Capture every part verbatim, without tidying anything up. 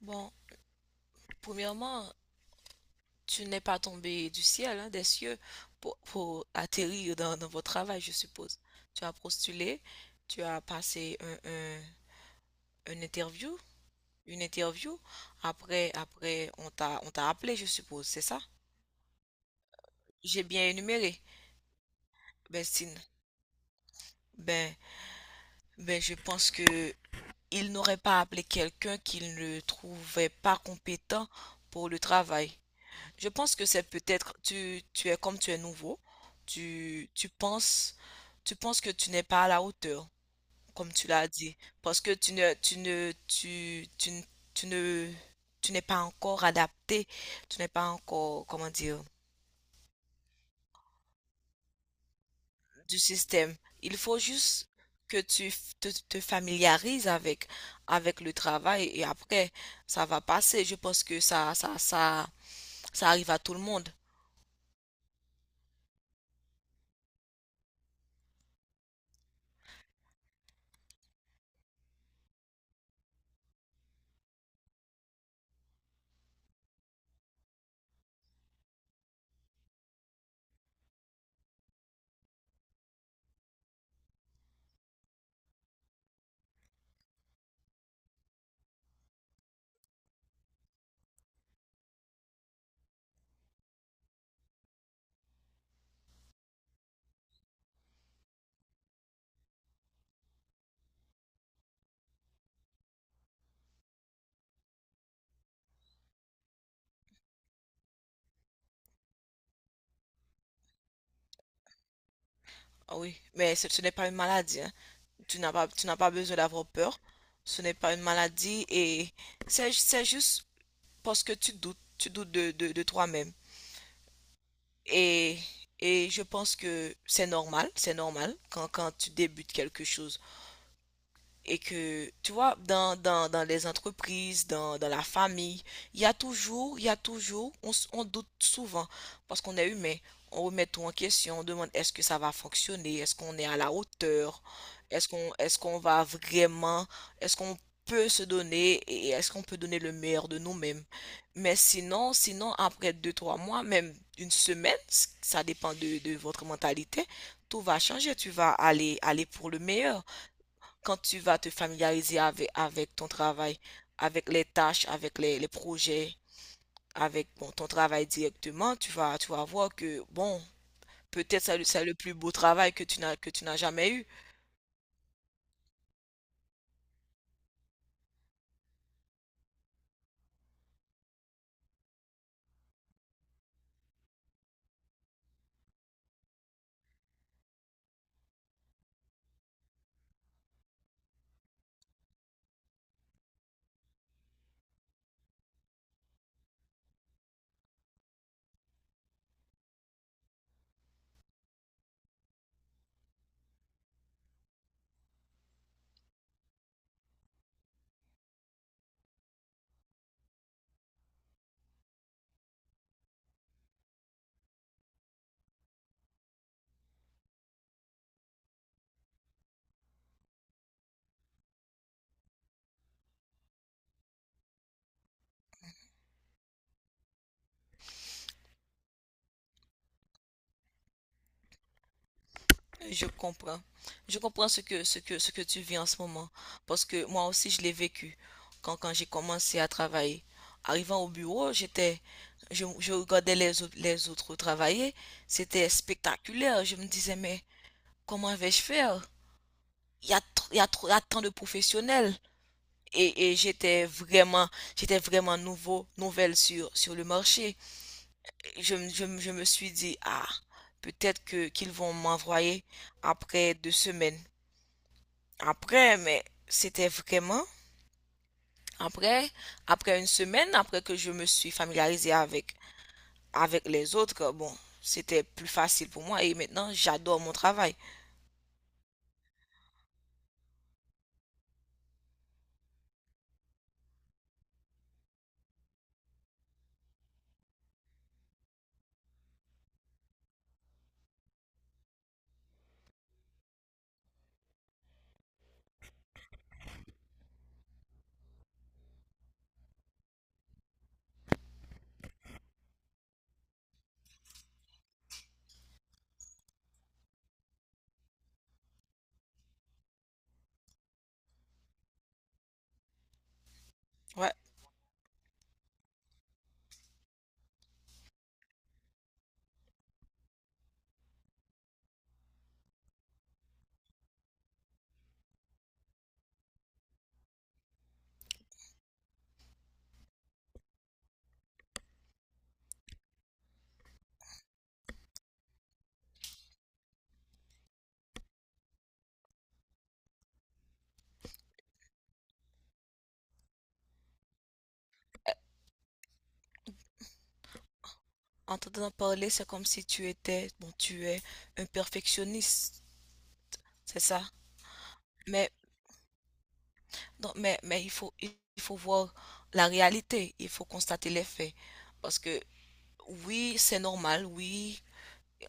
Bon, premièrement, tu n'es pas tombé du ciel, hein, des cieux, pour, pour atterrir dans, dans votre travail, je suppose. Tu as postulé, tu as passé un, un- une interview, une interview. Après, après, on t'a, on t'a appelé, je suppose, c'est ça? J'ai bien énuméré, ben, Ben, ben, je pense que il n'aurait pas appelé quelqu'un qu'il ne trouvait pas compétent pour le travail. Je pense que c'est peut-être tu, tu es comme tu es nouveau, tu, tu penses tu penses que tu n'es pas à la hauteur, comme tu l'as dit, parce que tu ne tu ne tu, tu, ne- tu ne tu n'es pas encore adapté, tu n'es pas encore comment dire du système. Il faut juste que tu f- te, te familiarises avec avec le travail et après ça va passer. Je pense que ça ça ça ça arrive à tout le monde. Ah oui, mais ce, ce n'est pas une maladie, hein. Tu n'as pas, tu n'as pas besoin d'avoir peur. Ce n'est pas une maladie et c'est, c'est juste parce que tu doutes, tu doutes de, de, de toi-même. Et, et je pense que c'est normal, c'est normal quand, quand tu débutes quelque chose et que, tu vois, dans, dans, dans les entreprises, dans, dans la famille, il y a toujours, il y a toujours, on, s- on doute souvent parce qu'on est humain. On remet tout en question, on demande est-ce que ça va fonctionner, est-ce qu'on est à la hauteur, est-ce qu'on, est-ce qu'on va vraiment, est-ce qu'on peut se donner et est-ce qu'on peut donner le meilleur de nous-mêmes. Mais sinon, sinon, après deux, trois mois, même une semaine, ça dépend de, de votre mentalité, tout va changer, tu vas aller, aller pour le meilleur quand tu vas te familiariser avec, avec ton travail, avec les tâches, avec les, les projets, avec bon, ton travail directement, tu vas, tu vas voir que, bon, peut-être c'est le, c'est le plus beau travail que tu n'as, que tu n'as jamais eu. Je comprends. Je comprends ce que, ce que, ce que tu vis en ce moment. Parce que moi aussi, je l'ai vécu. Quand, quand j'ai commencé à travailler, arrivant au bureau, j'étais, je, je regardais les, autres- les autres travailler. C'était spectaculaire. Je me disais, mais comment vais-je faire? Il y a, tr- il y a tr- il y a tant de professionnels. Et, et j'étais vraiment, j'étais vraiment nouveau, nouvelle sur, sur le marché. Et Je, me- je, me je me suis dit, ah, peut-être que qu'ils vont m'envoyer après deux semaines. Après, mais c'était vraiment après, après une semaine, après que je me suis familiarisée avec, avec les autres, bon, c'était plus facile pour moi et maintenant j'adore mon travail. Ouais, en t'entendant parler, c'est comme si tu étais, bon, tu es un perfectionniste, c'est ça? Mais, non, mais, mais il faut, il faut voir la réalité, il faut constater les faits. Parce que oui, c'est normal, oui,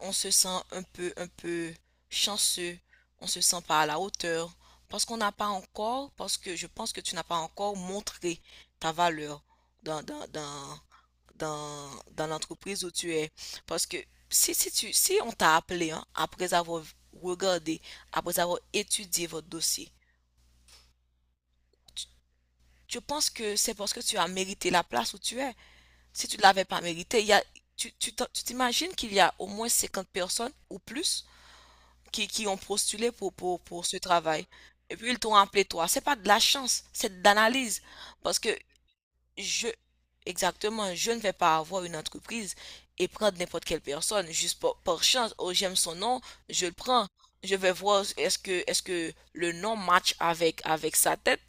on se sent un peu, un peu chanceux, on se sent pas à la hauteur, parce qu'on n'a pas encore, parce que je pense que tu n'as pas encore montré ta valeur dans, dans, dans, dans, dans l'entreprise où tu es. Parce que si, si tu, si on t'a appelé, hein, après avoir regardé, après avoir étudié votre dossier, je pense que c'est parce que tu as mérité la place où tu es. Si tu ne l'avais pas mérité, il y a, tu, tu t'en- tu t'imagines qu'il y a au moins cinquante personnes ou plus qui, qui ont postulé pour, pour, pour ce travail. Et puis ils t'ont appelé toi. C'est pas de la chance, c'est de l'analyse. Parce que je, exactement, je ne vais pas avoir une entreprise et prendre n'importe quelle personne juste par, par chance. Oh, j'aime son nom, je le prends. Je vais voir est-ce que, est-ce que le nom match avec, avec sa tête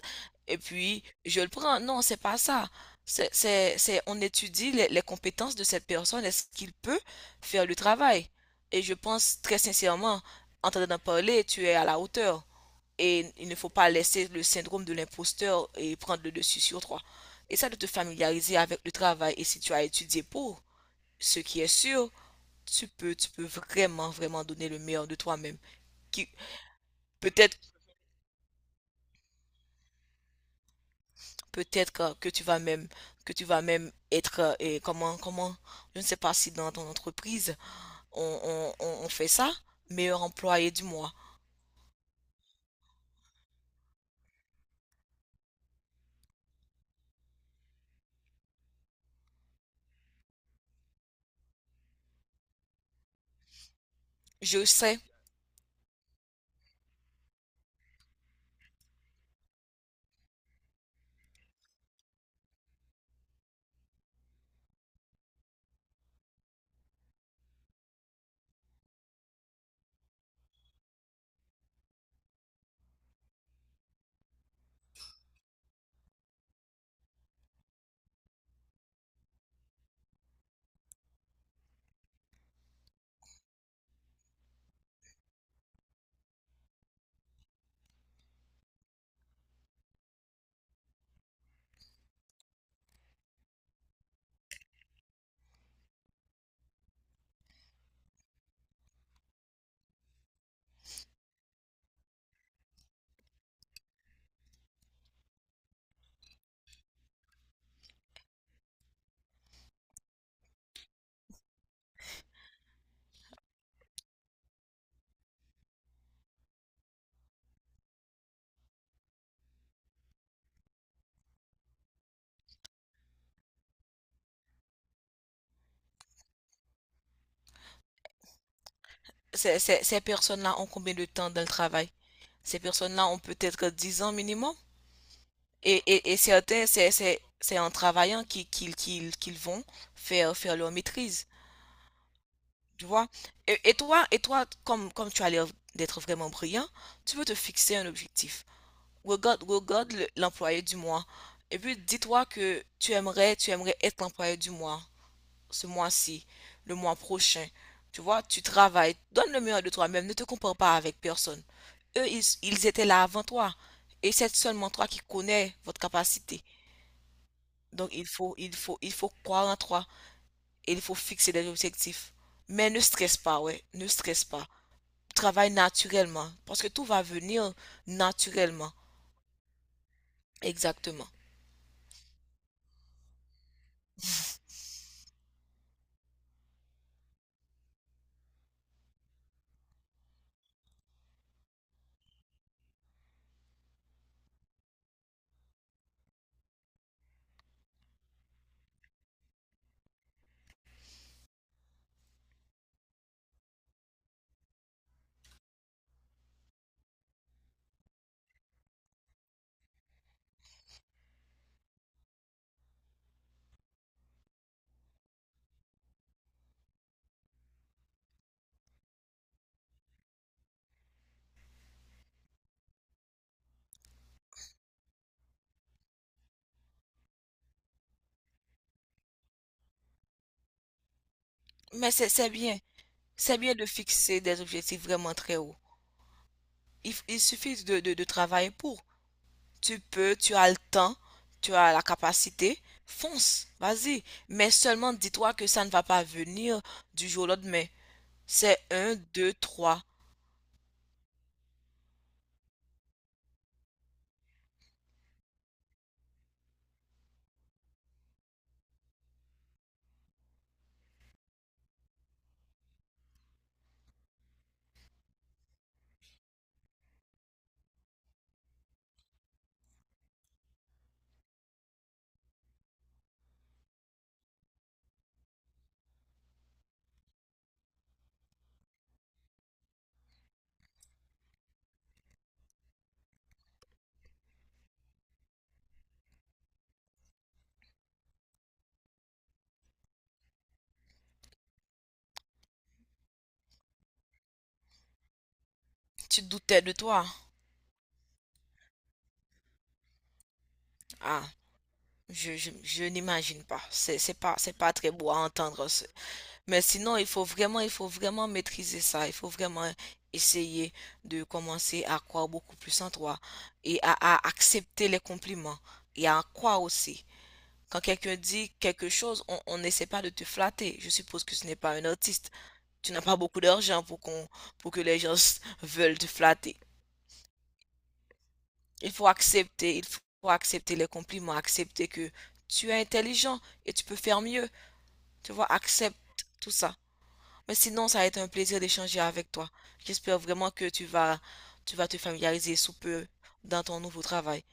et puis je le prends. Non, c'est pas ça. C'est, c'est, c'est, on étudie les, les compétences de cette personne. Est-ce qu'il peut faire le travail? Et je pense très sincèrement, en t'en parler, tu es à la hauteur. Et il ne faut pas laisser le syndrome de l'imposteur et prendre le dessus sur toi. Essaie de te familiariser avec le travail et si tu as étudié pour, ce qui est sûr, tu peux, tu peux vraiment, vraiment donner le meilleur de toi-même. Qui- Peut-être, peut-être que tu vas même, que tu vas même être, euh, et comment, comment, je ne sais pas si dans ton entreprise, on, on, on fait ça, meilleur employé du mois. Je sais, ces, ces, ces personnes-là ont combien de temps dans le travail? Ces personnes-là ont peut-être dix ans minimum. Et, et, et certains, c'est, c'est, c'est en travaillant qu'ils, qu'ils, qu'ils, qu'ils vont faire, faire leur maîtrise, tu vois. Et, et toi, et toi, comme, comme tu as l'air d'être vraiment brillant, tu veux te fixer un objectif. Regarde, regarde le- l'employé du mois. Et puis dis-toi que tu aimerais, tu aimerais être l'employé du mois, ce mois-ci, le mois prochain. Tu vois, tu travailles, donne le meilleur de toi-même, ne te compare pas avec personne. Eux, ils, ils étaient là avant toi. Et c'est seulement toi qui connais votre capacité. Donc il faut, il faut, il faut croire en toi et il faut fixer des objectifs. Mais ne stresse pas, ouais, ne stresse pas. Travaille naturellement parce que tout va venir naturellement. Exactement. Mais c'est c'est bien, c'est bien de fixer des objectifs vraiment très hauts. Il, f- il suffit de, de, de travailler pour. Tu peux, tu as le temps, tu as la capacité, fonce, vas-y. Mais seulement dis-toi que ça ne va pas venir du jour au lendemain. C'est un, deux, trois. Tu te doutais de toi. Ah, Je, je, je n'imagine pas. C'est, c'est pas, c'est pas très beau à entendre. ce- Mais sinon, il faut vraiment, il faut vraiment maîtriser ça. Il faut vraiment essayer de commencer à croire beaucoup plus en toi et à, à accepter les compliments et à en croire aussi. Quand quelqu'un dit quelque chose, on, on n'essaie pas de te flatter. Je suppose que ce n'est pas un artiste. Tu n'as pas beaucoup d'argent pour qu'on, pour que les gens s- veulent te flatter. Il faut accepter, il faut accepter les compliments, accepter que tu es intelligent et tu peux faire mieux. Tu vois, accepte tout ça. Mais sinon, ça a été un plaisir d'échanger avec toi. J'espère vraiment que tu vas, tu vas te familiariser sous peu dans ton nouveau travail.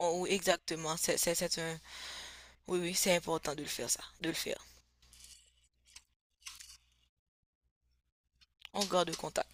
Oh, oui, exactement, c'est, c'est, c'est un... Oui, oui, c'est important de le faire, ça, de le faire. On garde contact.